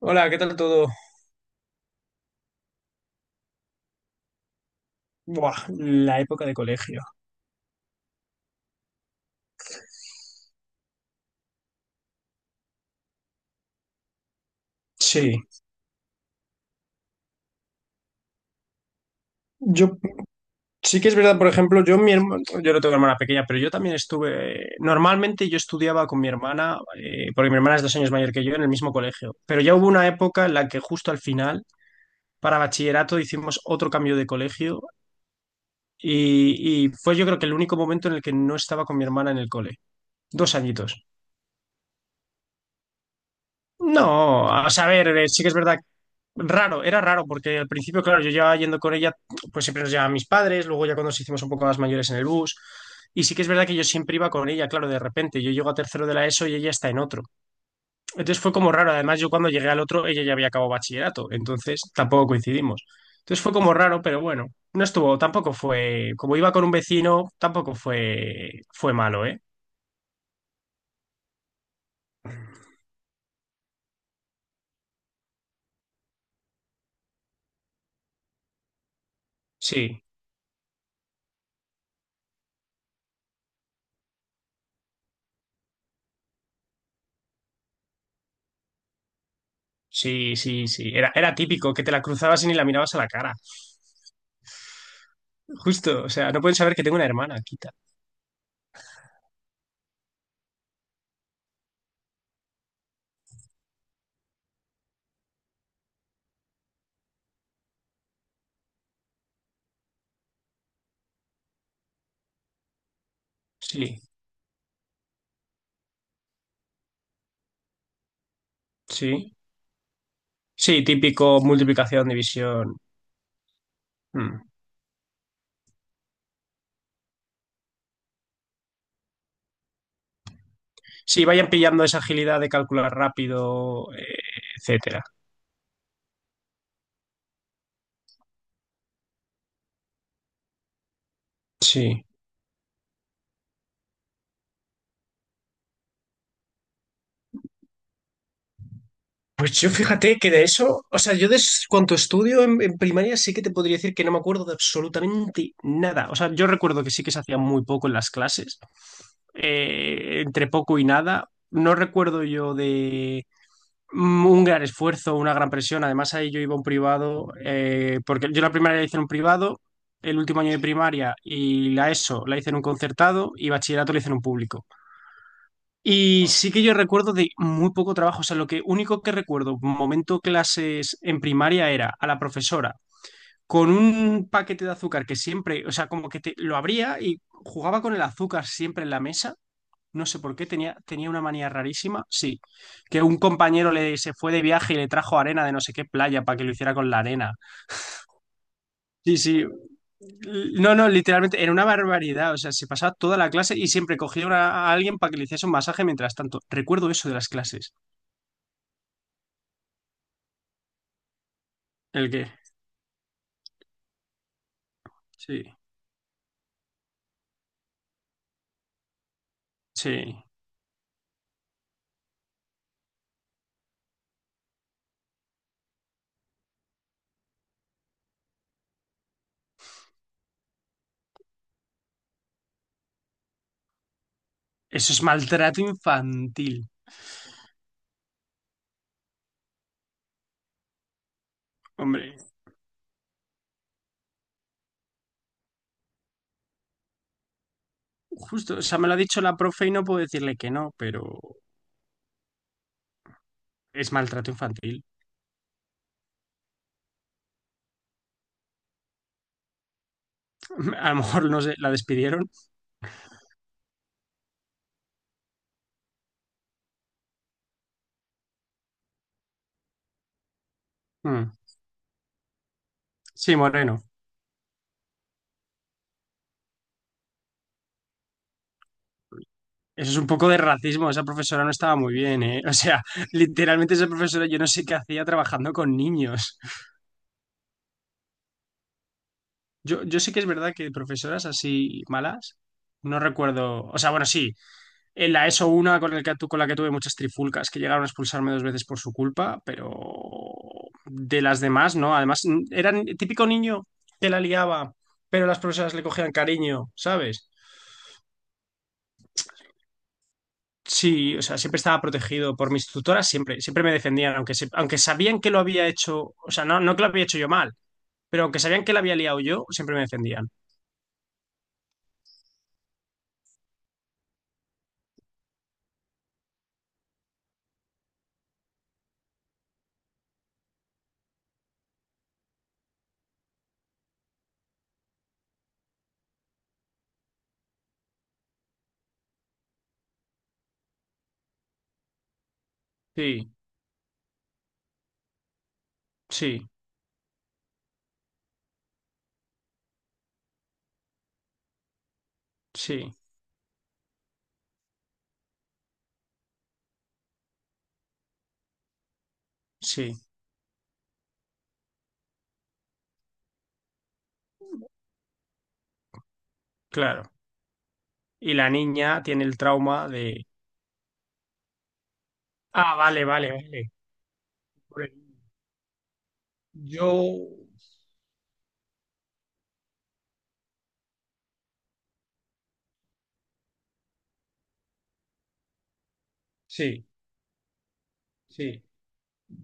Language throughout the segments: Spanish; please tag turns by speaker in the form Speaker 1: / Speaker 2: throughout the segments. Speaker 1: Hola, ¿qué tal todo? Buah, la época de colegio. Sí, yo sí que es verdad, por ejemplo, yo mi hermano, yo no tengo hermana pequeña, pero yo también estuve, normalmente yo estudiaba con mi hermana, porque mi hermana es 2 años mayor que yo, en el mismo colegio, pero ya hubo una época en la que justo al final, para bachillerato, hicimos otro cambio de colegio y fue yo creo que el único momento en el que no estaba con mi hermana en el cole. 2 añitos. No, a saber, sí que es verdad. Raro, era raro, porque al principio, claro, yo llevaba yendo con ella, pues siempre nos llevaban mis padres, luego ya cuando nos hicimos un poco más mayores en el bus, y sí que es verdad que yo siempre iba con ella, claro, de repente, yo llego a tercero de la ESO y ella está en otro. Entonces fue como raro, además yo cuando llegué al otro, ella ya había acabado bachillerato, entonces tampoco coincidimos. Entonces fue como raro, pero bueno, no estuvo, tampoco fue, como iba con un vecino, tampoco fue, fue malo, ¿eh? Sí. Sí, sí, sí. Era típico, que te la cruzabas y ni la mirabas a la cara. Justo, o sea, no pueden saber que tengo una hermana, quita. Sí, sí. Sí, típico multiplicación, división. Mm. Sí, vayan pillando esa agilidad de calcular rápido, etcétera. Sí. Pues yo fíjate que de eso, o sea, yo cuanto estudio en primaria sí que te podría decir que no me acuerdo de absolutamente nada. O sea, yo recuerdo que sí que se hacía muy poco en las clases, entre poco y nada. No recuerdo yo de un gran esfuerzo, una gran presión. Además, ahí yo iba a un privado, porque yo la primaria la hice en un privado, el último año de primaria y la ESO la hice en un concertado y bachillerato la hice en un público. Y sí que yo recuerdo de muy poco trabajo, o sea, lo que único que recuerdo, momento clases en primaria era a la profesora con un paquete de azúcar que siempre, o sea, como que te, lo abría y jugaba con el azúcar siempre en la mesa, no sé por qué, tenía una manía rarísima, sí, que un compañero le se fue de viaje y le trajo arena de no sé qué playa para que lo hiciera con la arena. Sí, sí, no, no, literalmente era una barbaridad, o sea, se pasaba toda la clase y siempre cogía a alguien para que le hiciese un masaje mientras tanto. Recuerdo eso de las clases. ¿El qué? Sí, sí. Eso es maltrato infantil. Hombre, justo, o sea, me lo ha dicho la profe y no puedo decirle que no, pero es maltrato infantil. A lo mejor no sé, la despidieron. Mm. Sí, moreno. Eso es un poco de racismo. Esa profesora no estaba muy bien, ¿eh? O sea, literalmente esa profesora yo no sé qué hacía trabajando con niños. Yo sé que es verdad que profesoras así malas, no recuerdo. O sea, bueno, sí. En la ESO una con, el que, con la que tuve muchas trifulcas, que llegaron a expulsarme dos veces por su culpa, pero de las demás, ¿no? Además, era el típico niño que la liaba, pero las profesoras le cogían cariño, ¿sabes? Sí, o sea, siempre estaba protegido por mis tutoras, siempre, siempre me defendían, aunque, aunque sabían que lo había hecho, o sea, no, no que lo había hecho yo mal, pero aunque sabían que la había liado yo, siempre me defendían. Sí, sí, sí, sí, claro. Y la niña tiene el trauma de, ah, vale, vale, vale. Por- Yo, sí, sí.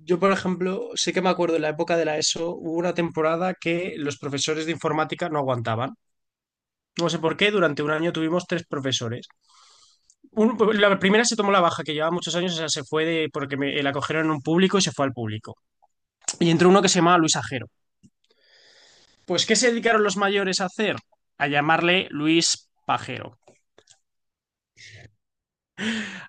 Speaker 1: Yo, por ejemplo, sí que me acuerdo en la época de la ESO, hubo una temporada que los profesores de informática no aguantaban. No sé por qué, durante un año tuvimos tres profesores. La primera se tomó la baja, que llevaba muchos años, o sea, se fue de, porque me, la cogieron en un público y se fue al público. Y entró uno que se llamaba Luis Ajero. Pues, ¿qué se dedicaron los mayores a hacer? A llamarle Luis Pajero.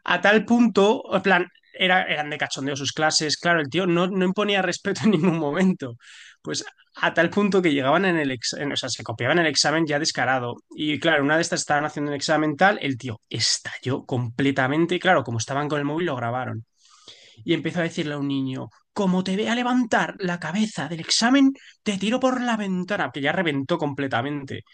Speaker 1: A tal punto, en plan, eran de cachondeo sus clases, claro, el tío no, no imponía respeto en ningún momento. Pues a tal punto que llegaban en el examen, o sea, se copiaban el examen ya descarado. Y claro, una de estas estaban haciendo un examen tal, el tío estalló completamente. Y claro, como estaban con el móvil, lo grabaron. Y empezó a decirle a un niño: como te vea levantar la cabeza del examen, te tiro por la ventana, que ya reventó completamente.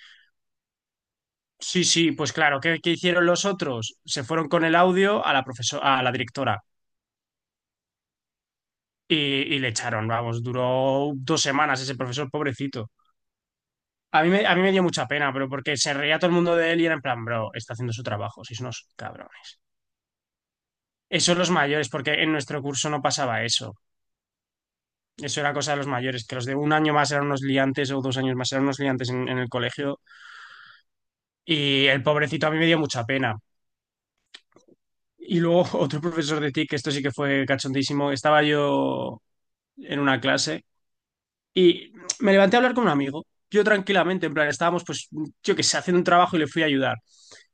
Speaker 1: Sí, sí, pues claro, ¿qué hicieron los otros? Se fueron con el audio a la profesora, a la directora. Y, y le echaron, vamos, duró 2 semanas ese profesor, pobrecito. A mí me dio mucha pena, pero porque se reía todo el mundo de él y era en plan, bro, está haciendo su trabajo, sois unos cabrones. Eso los mayores, porque en nuestro curso no pasaba eso. Eso era cosa de los mayores, que los de un año más eran unos liantes o 2 años más eran unos liantes en el colegio. Y el pobrecito a mí me dio mucha pena. Y luego otro profesor de TIC, que esto sí que fue cachondísimo, estaba yo en una clase y me levanté a hablar con un amigo. Yo tranquilamente, en plan, estábamos, pues, yo qué sé, haciendo un trabajo y le fui a ayudar.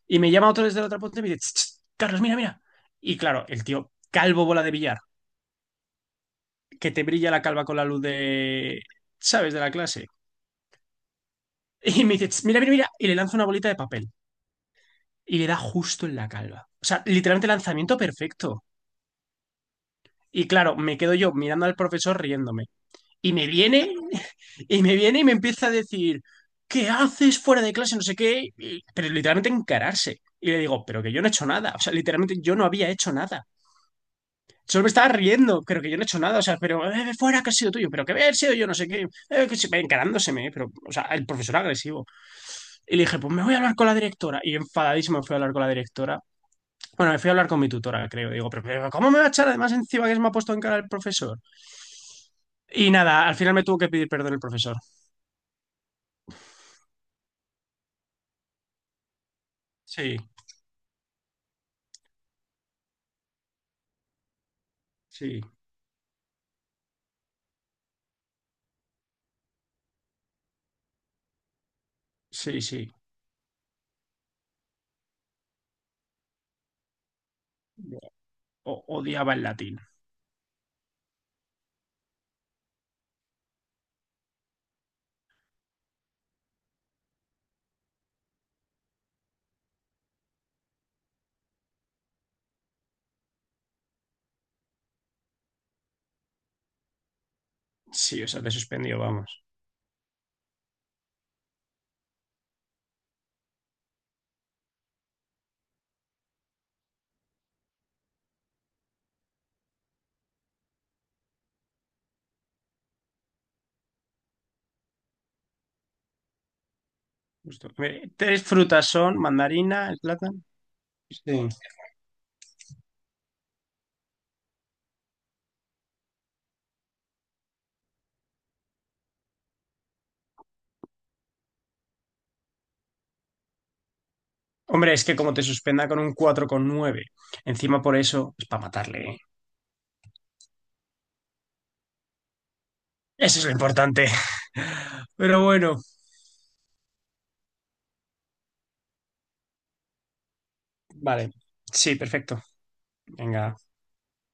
Speaker 1: Y me llama otro desde la otra punta y me dice, "Ch, ch, Carlos, mira, mira." Y claro, el tío, calvo bola de billar, que te brilla la calva con la luz de, ¿sabes?, de la clase. Y me dice, "Ch, mira, mira, mira." Y le lanza una bolita de papel. Y le da justo en la calva. O sea, literalmente lanzamiento perfecto. Y claro, me quedo yo mirando al profesor riéndome. Y me viene, y me viene y me empieza a decir, ¿qué haces fuera de clase? No sé qué, pero literalmente encararse. Y le digo, pero que yo no he hecho nada, o sea, literalmente yo no había hecho nada. Solo me estaba riendo, pero que yo no he hecho nada, o sea, pero fuera que ha sido tuyo, pero que haber sido yo, no sé qué, que se encarándoseme, pero, o sea, el profesor agresivo. Y le dije, pues me voy a hablar con la directora. Y enfadadísimo me fui a hablar con la directora. Bueno, me fui a hablar con mi tutora, creo. Digo, pero ¿cómo me va a echar además encima que se me ha puesto en cara el profesor? Y nada, al final me tuvo que pedir perdón el profesor. Sí, sí. Sí, sí. Odiaba el latín. Sí, o sea, te suspendió, vamos. Justo. Mire, tres frutas son mandarina, el plátano. Sí. Hombre, es que como te suspenda con un 4,9, encima por eso es para matarle, ¿eh? Eso es lo importante. Pero bueno, vale. Sí, perfecto. Venga.